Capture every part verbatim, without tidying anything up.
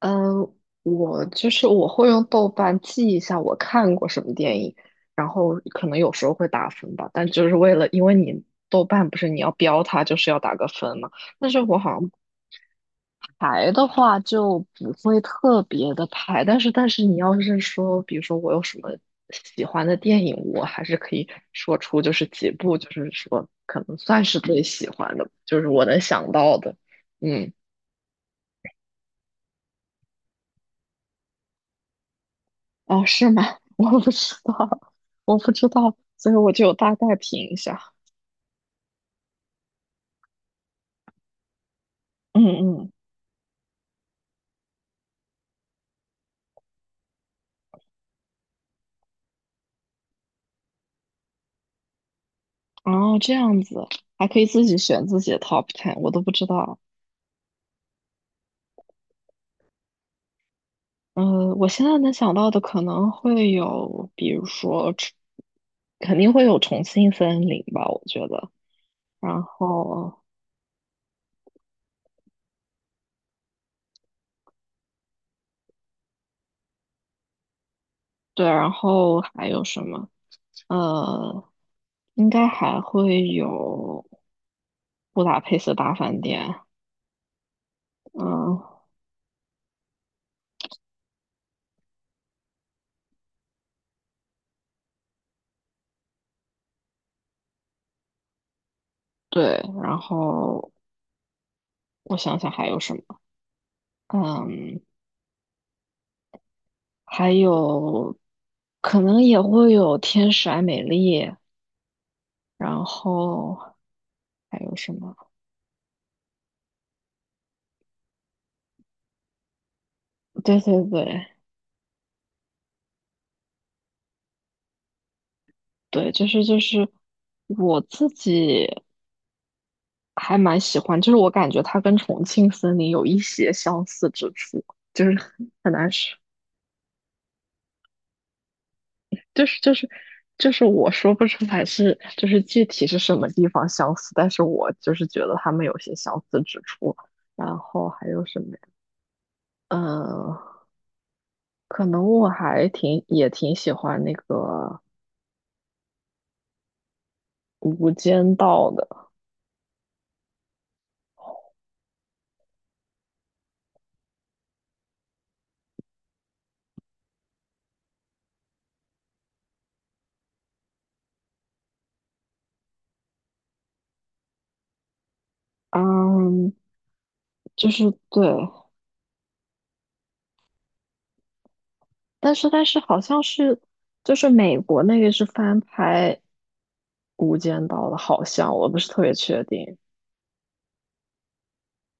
嗯，我就是我会用豆瓣记一下我看过什么电影，然后可能有时候会打分吧，但就是为了，因为你豆瓣不是你要标它，就是要打个分嘛。但是我好像排的话就不会特别的排，但是但是你要是说，比如说我有什么喜欢的电影，我还是可以说出就是几部，就是说可能算是最喜欢的，就是我能想到的，嗯。哦，是吗？我不知道，我不知道，所以我就大概评一下。嗯嗯，哦，这样子还可以自己选自己的 top ten，我都不知道。呃，我现在能想到的可能会有，比如说重，肯定会有重庆森林吧，我觉得。然后对，然后还有什么？呃，应该还会有布达佩斯大饭店。嗯，对，然后我想想还有什么。嗯，还有可能也会有天使爱美丽，然后还有什么？对对对对，就是就是我自己还蛮喜欢，就是我感觉它跟重庆森林有一些相似之处，就是 很很难说，就是就是就是我说不出来是就是具体是什么地方相似，但是我就是觉得他们有些相似之处，然后还有什么呀？嗯。可能我还挺也挺喜欢那个《无间道》的，嗯，就是对，但是但是好像是就是美国那个是翻拍《无间道》的，好像我不是特别确定。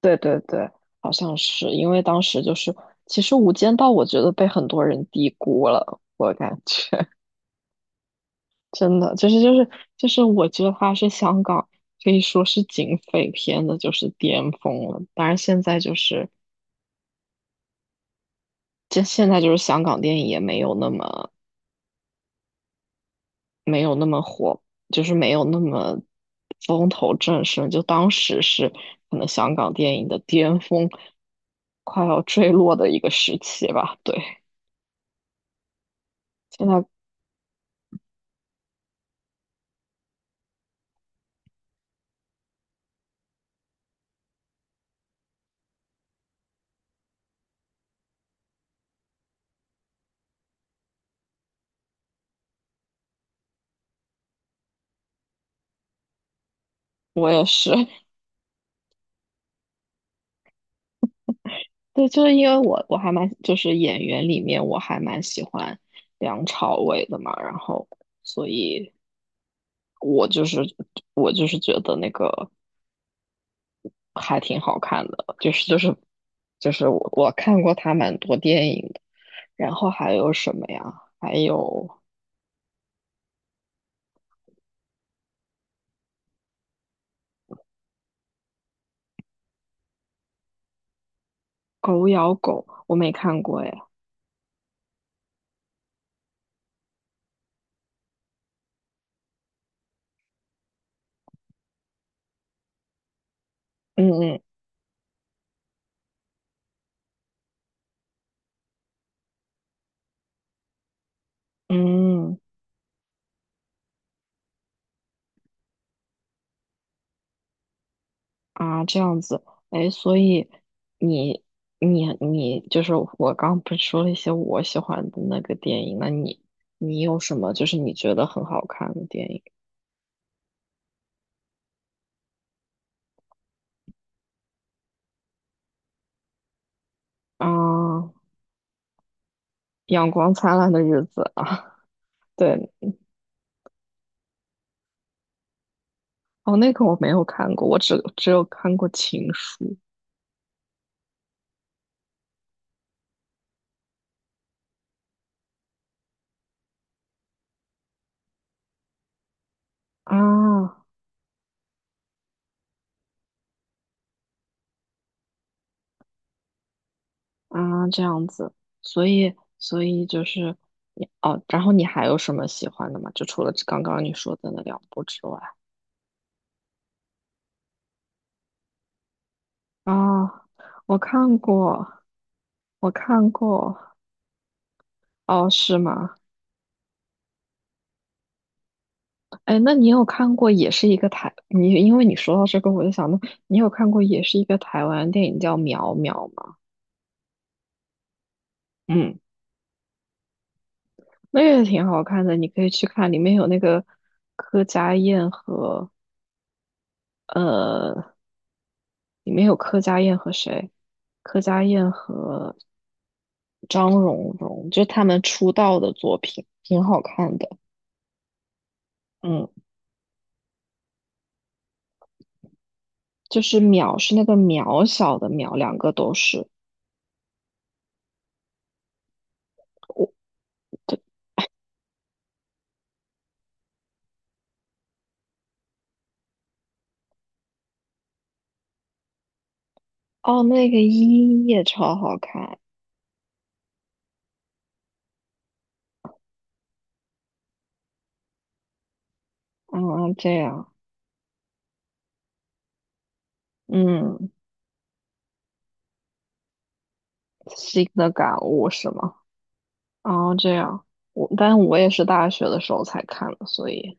对对对，好像是因为当时就是其实《无间道》我觉得被很多人低估了，我感觉 真的就是就是就是我觉得它是香港。可以说是警匪片的，就是巅峰了。当然，现在就是这现在就是香港电影也没有那么没有那么火，就是没有那么风头正盛。就当时是可能香港电影的巅峰，快要坠落的一个时期吧。对，现在我也是，对，就是因为我我还蛮就是演员里面我还蛮喜欢梁朝伟的嘛，然后所以我就是我就是觉得那个。还挺好看的，就是就是就是我我看过他蛮多电影的，然后还有什么呀？还有《狗咬狗》，我没看过哎。嗯嗯嗯啊，这样子，哎，所以你你你就是我刚不是说了一些我喜欢的那个电影，那你你有什么就是你觉得很好看的电影啊？阳光灿烂的日子》啊，对。哦，那个我没有看过，我只只有看过《情书》。啊啊，这样子，所以所以就是你哦，然后你还有什么喜欢的吗？就除了这刚刚你说的那两部之外，啊，我看过，我看过，哦，是吗？哎，那你有看过也是一个台，你因为你说到这个，我就想到你有看过也是一个台湾电影叫《苗苗》吗？嗯，那个也挺好看的，你可以去看，里面有那个柯佳燕和。呃。里面有柯佳燕和谁？柯佳燕和张荣荣，就是他们出道的作品，挺好看的。嗯，就是渺是那个渺小的渺，两个都是。对，哦，那个一也超好看。嗯，这样，嗯，新的感悟是吗？哦，这样，我，但我也是大学的时候才看的，所以，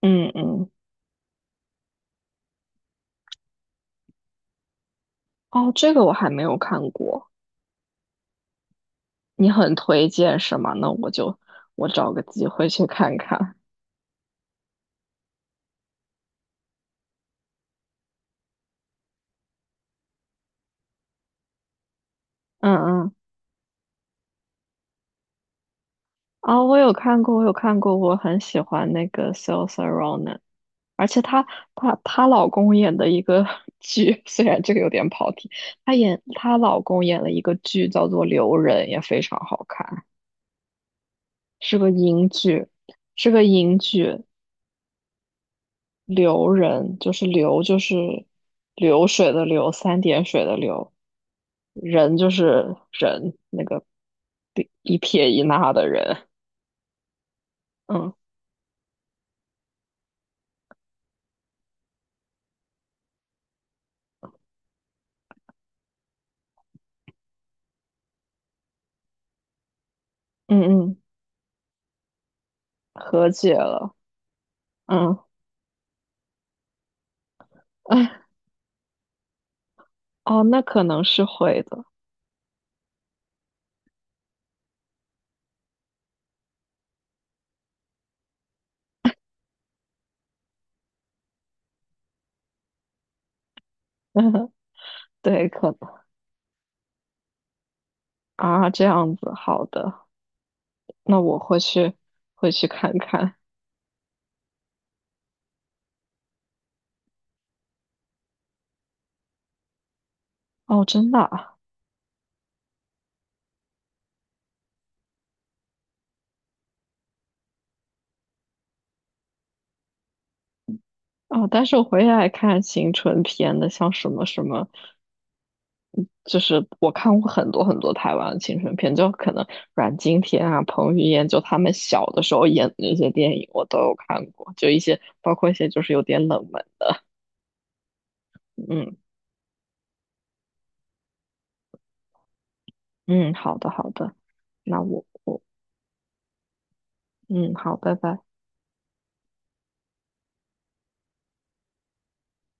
嗯嗯，哦，这个我还没有看过，你很推荐是吗？那我就我找个机会去看看。嗯嗯，啊、我有看过，我有看过，我很喜欢那个 s a o i s e r o n a 而且她她她老公演的一个 剧，虽然这个有点跑题，她演她老公演了一个剧叫做《留人》，也非常好看，是个英剧，是个英剧，《留人》就是流就是流水的流，三点水的流，人就是人，那个一撇一捺的人，嗯嗯嗯，和解了。嗯，哎，哦，那可能是会的，嗯，对，可能啊，这样子，好的，那我会去会去看看。哦，真的啊，哦，但是我回来看青春片的，像什么什么，就是我看过很多很多台湾的青春片，就可能阮经天啊、彭于晏，就他们小的时候演的那些电影，我都有看过，就一些包括一些就是有点冷门的，嗯嗯，好的好的，那我我嗯好，拜拜。